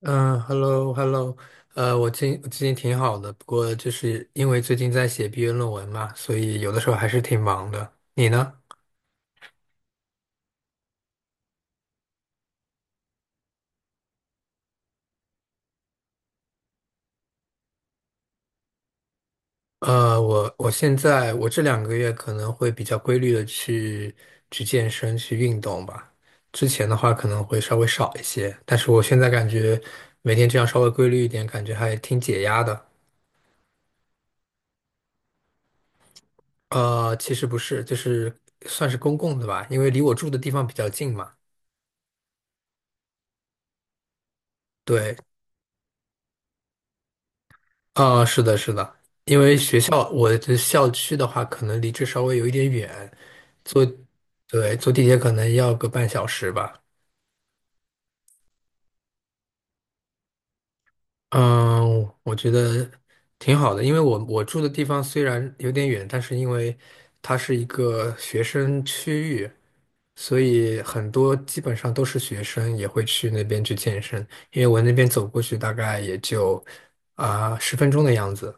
嗯，hello，hello，我最近挺好的，不过就是因为最近在写毕业论文嘛，所以有的时候还是挺忙的。你呢？我我现在我这两个月可能会比较规律的去健身去运动吧，之前的话可能会稍微少一些，但是我现在感觉每天这样稍微规律一点，感觉还挺解压的。其实不是，就是算是公共的吧，因为离我住的地方比较近嘛。对，啊，是的，是的，因为学校我的校区的话，可能离这稍微有一点远，坐，对，坐地铁可能要个半小时吧。嗯，我觉得挺好的，因为我住的地方虽然有点远，但是因为它是一个学生区域，所以很多基本上都是学生也会去那边去健身，因为我那边走过去大概也就10分钟的样子。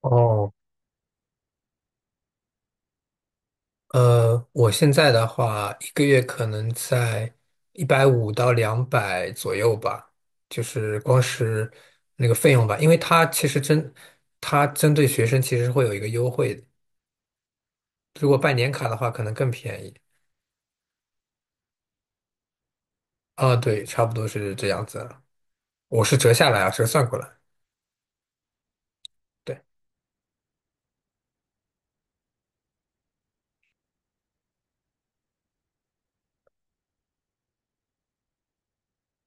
哦，我现在的话，一个月可能在150到200左右吧，就是光是那个费用吧，因为它针对学生其实会有一个优惠的如果办年卡的话，可能更便宜。啊，对，差不多是这样子，我是折下来啊，折算过来。对。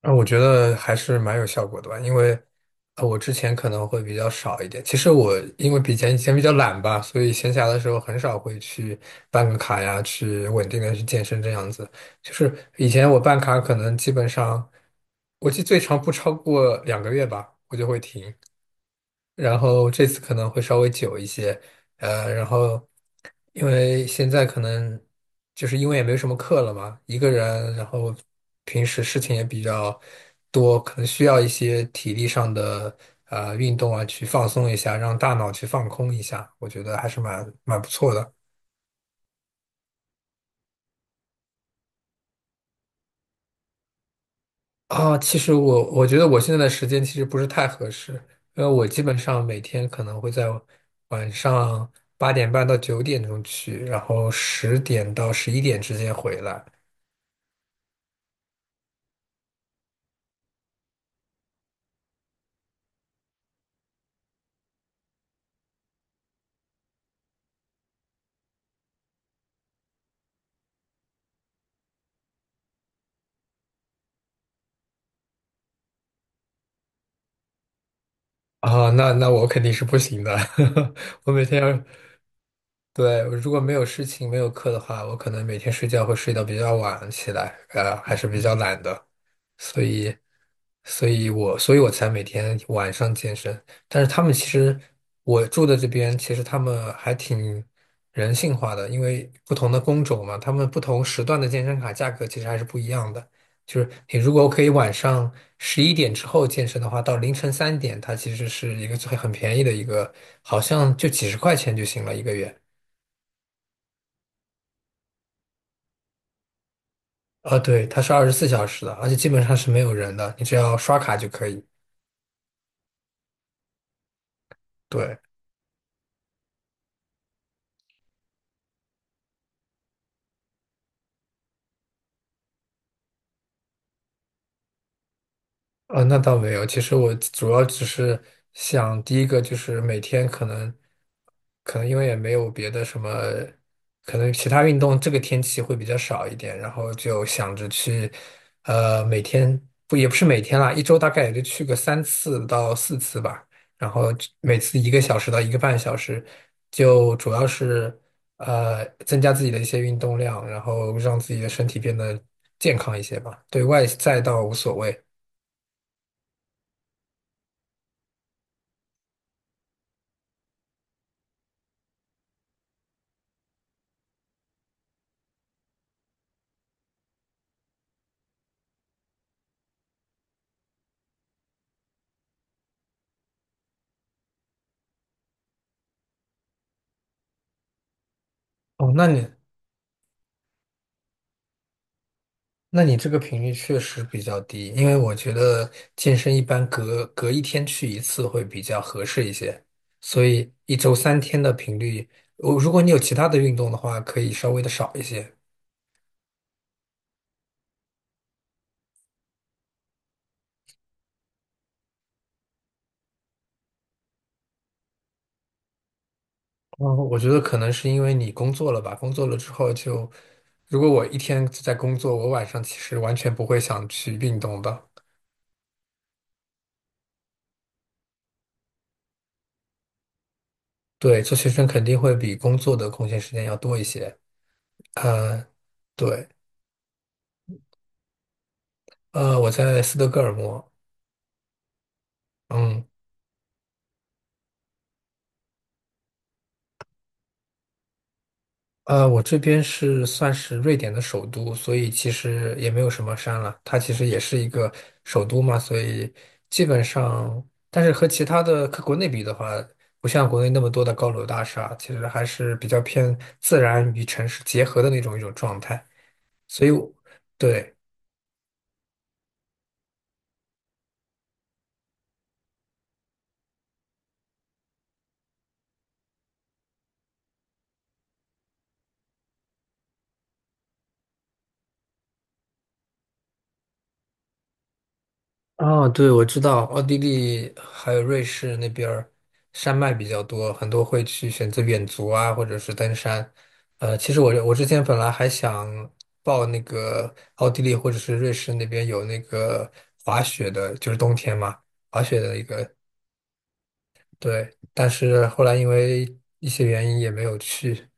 啊，我觉得还是蛮有效果的吧，因为我之前可能会比较少一点。其实我因为以前比较懒吧，所以闲暇的时候很少会去办个卡呀，去稳定的去健身这样子。就是以前我办卡可能基本上，我记得最长不超过两个月吧，我就会停。然后这次可能会稍微久一些，然后因为现在可能就是因为也没什么课了嘛，一个人，然后平时事情也比较多，可能需要一些体力上的运动啊，去放松一下，让大脑去放空一下，我觉得还是蛮不错的。啊，其实我觉得我现在的时间其实不是太合适，因为我基本上每天可能会在晚上8点半到9点钟去，然后10点到十一点之间回来。啊，那我肯定是不行的，我每天要，对，如果没有事情没有课的话，我可能每天睡觉会睡到比较晚起来，还是比较懒的。所以，所以我才每天晚上健身。但是他们其实，我住的这边其实他们还挺人性化的，因为不同的工种嘛，他们不同时段的健身卡价格其实还是不一样的。就是你如果可以晚上十一点之后健身的话，到凌晨3点，它其实是一个很便宜的一个，好像就几十块钱就行了一个月。啊，对，它是24小时的，而且基本上是没有人的，你只要刷卡就可以。对。啊，那倒没有。其实我主要只是想，第一个就是每天可能，可能因为也没有别的什么，可能其他运动这个天气会比较少一点，然后就想着去，每天不也不是每天啦，一周大概也就去个三次到四次吧，然后每次一个小时到一个半小时，就主要是增加自己的一些运动量，然后让自己的身体变得健康一些吧。对外在倒无所谓。哦，那你这个频率确实比较低，因为我觉得健身一般隔一天去一次会比较合适一些，所以一周三天的频率，如果你有其他的运动的话，可以稍微的少一些。嗯，我觉得可能是因为你工作了吧，工作了之后就，如果我一天都在工作，我晚上其实完全不会想去运动的。对，做学生肯定会比工作的空闲时间要多一些。呃，对，我在斯德哥尔摩。嗯。我这边是算是瑞典的首都，所以其实也没有什么山了。它其实也是一个首都嘛，所以基本上，但是和其他的和国内比的话，不像国内那么多的高楼大厦，其实还是比较偏自然与城市结合的那种一种状态。所以我对。哦，对，我知道奥地利还有瑞士那边儿山脉比较多，很多会去选择远足啊，或者是登山。其实我之前本来还想报那个奥地利或者是瑞士那边有那个滑雪的，就是冬天嘛，滑雪的一个，对，但是后来因为一些原因也没有去。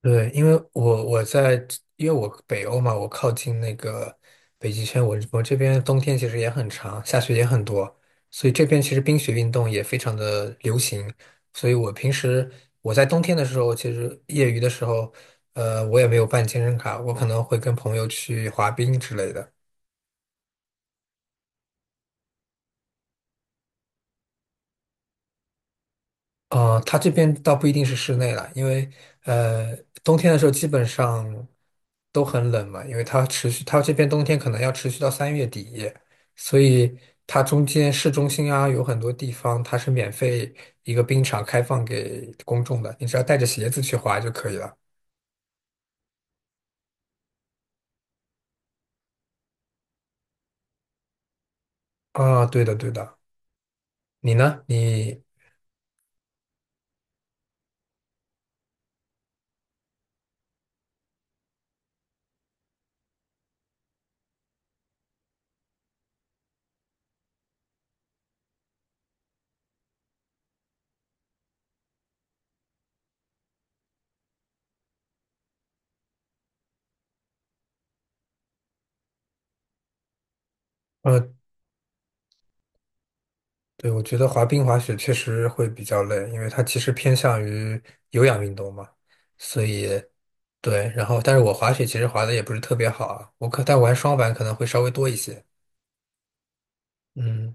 对，因为我北欧嘛，我靠近那个北极圈，我这边冬天其实也很长，下雪也很多，所以这边其实冰雪运动也非常的流行。所以我平时我在冬天的时候，其实业余的时候，我也没有办健身卡，我可能会跟朋友去滑冰之类的。它这边倒不一定是室内了，因为呃，冬天的时候基本上都很冷嘛，因为它持续，它这边冬天可能要持续到3月底，所以它中间市中心啊，有很多地方它是免费一个冰场开放给公众的，你只要带着鞋子去滑就可以了。啊，对的对的，你呢？呃。对，我觉得滑冰滑雪确实会比较累，因为它其实偏向于有氧运动嘛，所以对，然后但是我滑雪其实滑的也不是特别好啊，但玩双板可能会稍微多一些，嗯。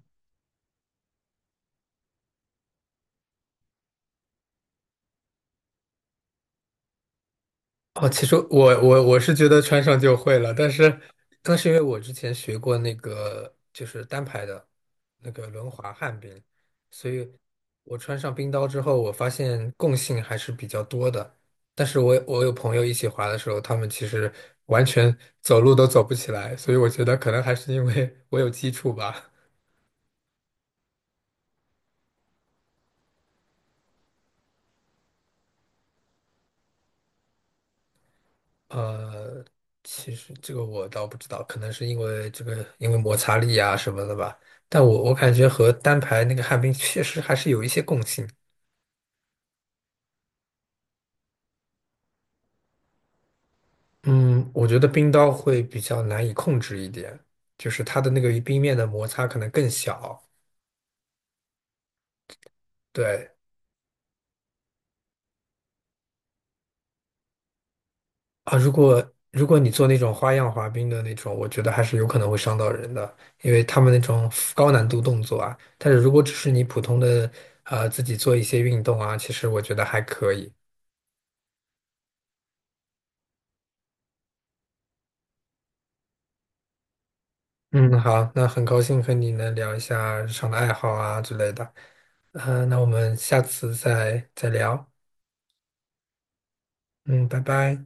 哦，其实我是觉得穿上就会了，但是那是因为我之前学过那个就是单排的那个轮滑旱冰，所以我穿上冰刀之后，我发现共性还是比较多的。但是我有朋友一起滑的时候，他们其实完全走路都走不起来，所以我觉得可能还是因为 我有基础吧。呃，其实这个我倒不知道，可能是因为这个因为摩擦力啊什么的吧。但我感觉和单排那个旱冰确实还是有一些共性。嗯，我觉得冰刀会比较难以控制一点，就是它的那个与冰面的摩擦可能更小。对啊，如果你做那种花样滑冰的那种，我觉得还是有可能会伤到人的，因为他们那种高难度动作啊。但是如果只是你普通的自己做一些运动啊，其实我觉得还可以。嗯，好，那很高兴和你能聊一下日常的爱好啊之类的。那我们下次再聊。嗯，拜拜。